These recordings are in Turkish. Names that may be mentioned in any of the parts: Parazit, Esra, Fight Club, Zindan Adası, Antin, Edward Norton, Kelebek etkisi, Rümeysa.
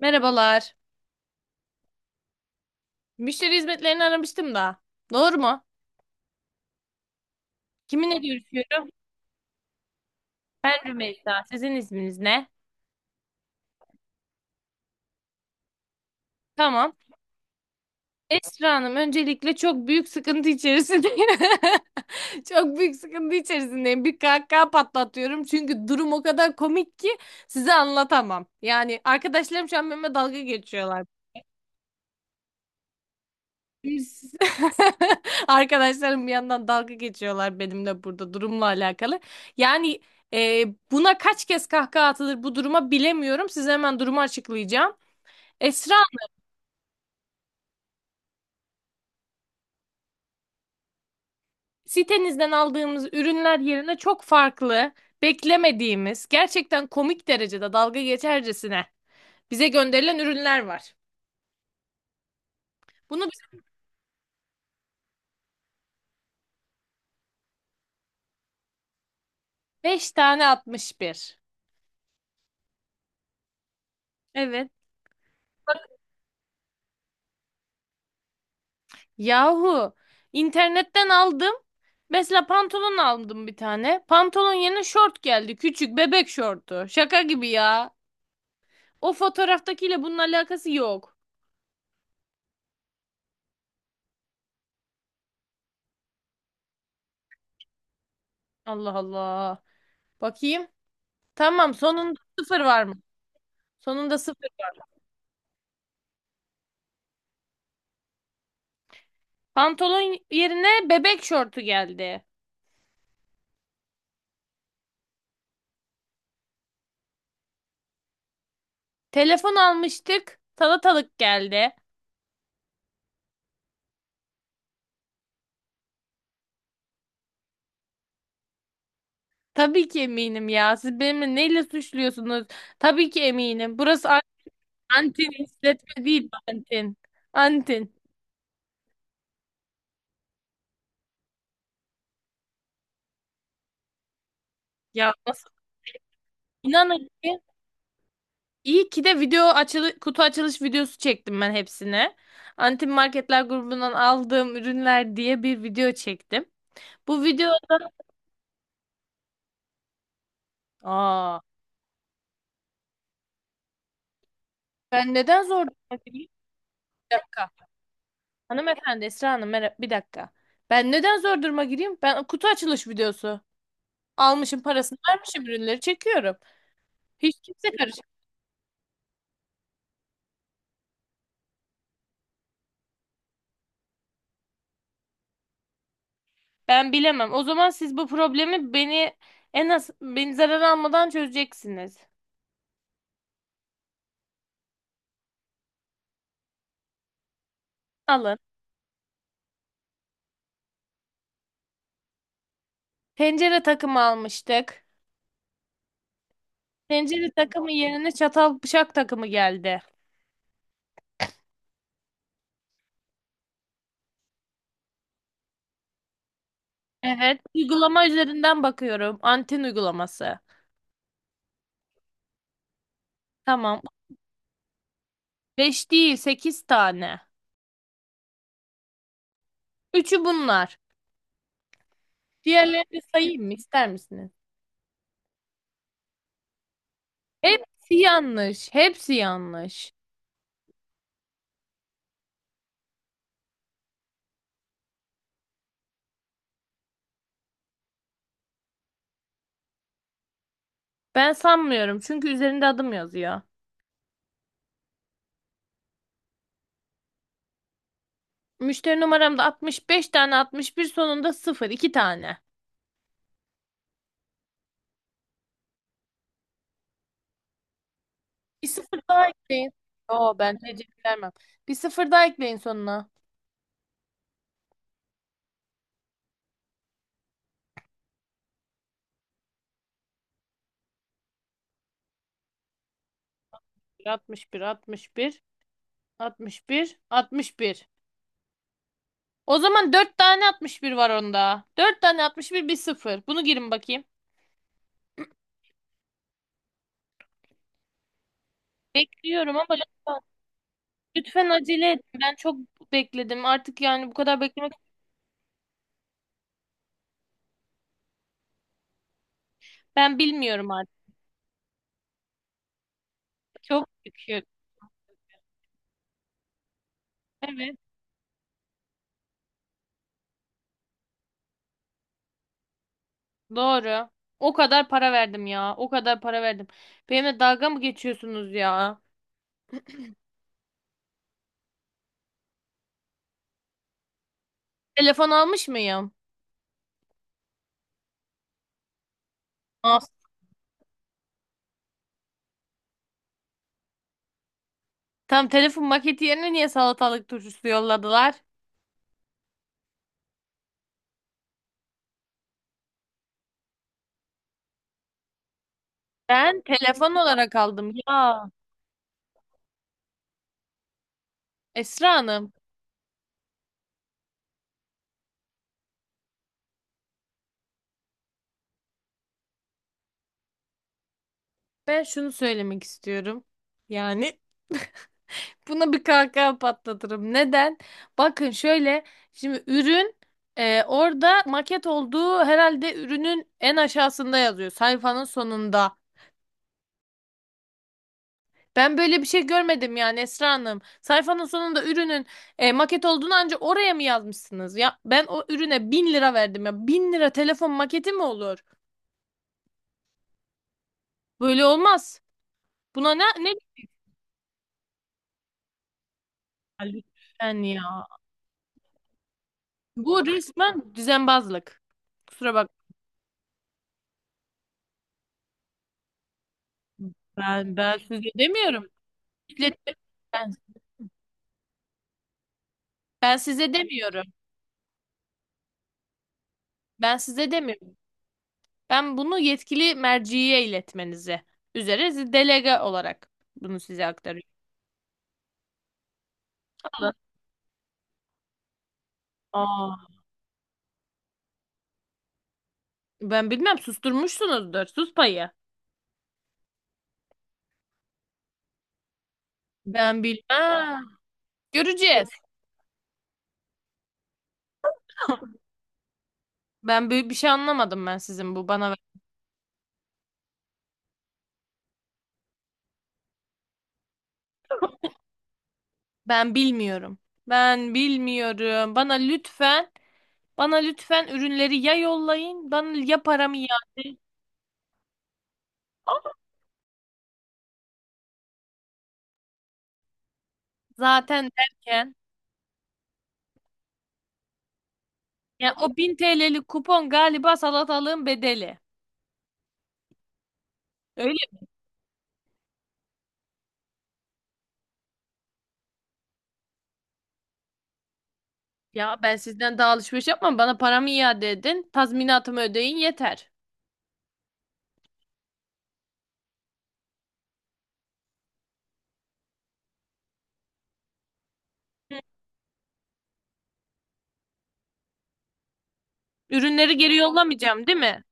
Merhabalar. Müşteri hizmetlerini aramıştım da. Doğru mu? Kiminle görüşüyorum? Ben Rümeysa. Sizin isminiz ne? Tamam. Esra Hanım öncelikle çok büyük sıkıntı içerisindeyim. Çok büyük sıkıntı içerisindeyim. Bir kahkaha patlatıyorum. Çünkü durum o kadar komik ki size anlatamam. Yani arkadaşlarım şu an benimle dalga geçiyorlar. Biz arkadaşlarım bir yandan dalga geçiyorlar benimle burada durumla alakalı. Yani e, buna kaç kez kahkaha atılır bu duruma bilemiyorum. Size hemen durumu açıklayacağım. Esra Sitenizden aldığımız ürünler yerine çok farklı, beklemediğimiz, gerçekten komik derecede dalga geçercesine bize gönderilen ürünler var. Bunu bize 5 tane atmış bir. Evet. Yahu internetten aldım. Mesela pantolon aldım bir tane. Pantolon yerine şort geldi. Küçük bebek şortu. Şaka gibi ya. O fotoğraftakiyle bunun alakası yok. Allah Allah. Bakayım. Tamam, sonunda sıfır var mı? Sonunda sıfır. Pantolon yerine bebek şortu geldi. Telefon almıştık. Salatalık geldi. Tabii ki eminim ya. Siz benimle neyle suçluyorsunuz? Tabii ki eminim. Burası Antin işletme değil, Antin. Antin. Ya nasıl? İnanın ki iyi ki de video açılı, kutu açılış videosu çektim ben hepsine. Antin Marketler grubundan aldığım ürünler diye bir video çektim. Bu videoda. Aa, ben neden zor duruma gireyim? Bir dakika. Hanımefendi Esra Hanım merhaba, bir dakika. Ben neden zor duruma gireyim? Ben kutu açılış videosu almışım, parasını vermişim, ürünleri çekiyorum. Hiç kimse karış. Ben bilemem. O zaman siz bu problemi beni, en az beni zarar almadan çözeceksiniz. Alın. Tencere takımı almıştık. Tencere takımı yerine çatal bıçak takımı geldi. Evet. Uygulama üzerinden bakıyorum. Anten uygulaması. Tamam. 5 değil, 8 tane. Üçü bunlar. Diğerlerini de sayayım mı? İster misiniz? Hepsi yanlış. Hepsi yanlış. Ben sanmıyorum. Çünkü üzerinde adım yazıyor. Müşteri numaram da 65 tane 61, sonunda 0 2 tane. Bir sıfır daha ekleyin. Yo, ben TC vermem. Bir sıfır daha ekleyin sonuna. 61 61 61 61. O zaman 4 tane 61 var onda. 4 tane 61 bir bir sıfır. Bunu girin bakayım. Bekliyorum, ama lütfen, lütfen acele edin. Ben çok bekledim. Artık yani bu kadar beklemek, ben bilmiyorum artık. Çok yüküyorum. Evet. Doğru. O kadar para verdim ya. O kadar para verdim. Benimle dalga mı geçiyorsunuz ya? Telefon almış mıyım? As. Tam telefon maketi yerine niye salatalık turşusu yolladılar? Ben telefon olarak aldım ya. Esra Hanım, ben şunu söylemek istiyorum. Yani buna bir kahkaha patlatırım. Neden? Bakın şöyle, şimdi ürün orada maket olduğu herhalde ürünün en aşağısında yazıyor. Sayfanın sonunda. Ben böyle bir şey görmedim yani Esra Hanım. Sayfanın sonunda ürünün maket olduğunu ancak oraya mı yazmışsınız? Ya ben o ürüne 1000 lira verdim ya. Bin lira telefon maketi mi olur? Böyle olmaz. Buna ne güzel yani ya. Bu resmen düzenbazlık. Kusura bak Ben size demiyorum. İşletme- Ben, ben size demiyorum. Ben size demiyorum. Ben bunu yetkili merciye iletmenizi üzere siz delege olarak bunu size aktarıyorum. Alın. Aa. Ben bilmem, susturmuşsunuzdur. Sus payı. Ben bilmem. Göreceğiz. Ben büyük bir şey anlamadım ben sizin bu bana. Ben bilmiyorum. Ben bilmiyorum. Bana lütfen ürünleri ya yollayın bana ya paramı iade. Zaten derken yani o 1000 TL'lik kupon galiba salatalığın bedeli. Öyle mi? Ya ben sizden daha alışveriş yapmam. Bana paramı iade edin. Tazminatımı ödeyin yeter. Hı. Ürünleri geri yollamayacağım, değil mi?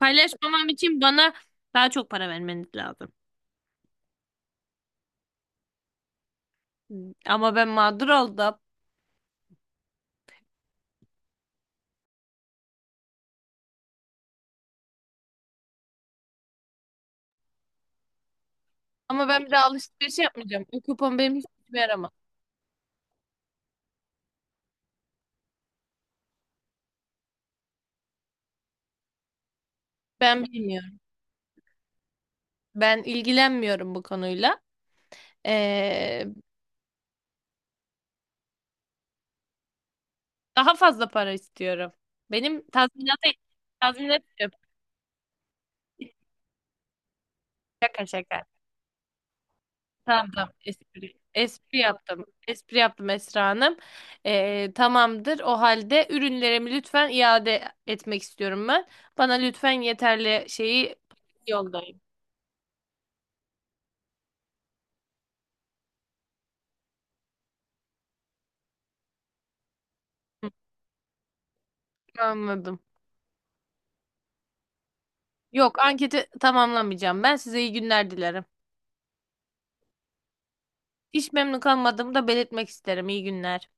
Paylaşmamam için bana daha çok para vermeniz lazım. Ama ben mağdur oldum. Ama ben bir de alışveriş yapmayacağım. O kupon benim hiçbir yaramaz. Ben bilmiyorum. Ben ilgilenmiyorum bu konuyla. Ee, daha fazla para istiyorum. Benim tazminata, tazminat istiyorum. Şaka şaka. Tamam tamam. Espri, espri yaptım. Espri yaptım Esra Hanım. Tamamdır. O halde ürünlerimi lütfen iade etmek istiyorum ben. Bana lütfen yeterli şeyi yollayın. Hı. Anladım. Yok, anketi tamamlamayacağım. Ben size iyi günler dilerim. Hiç memnun kalmadığımı da belirtmek isterim. İyi günler.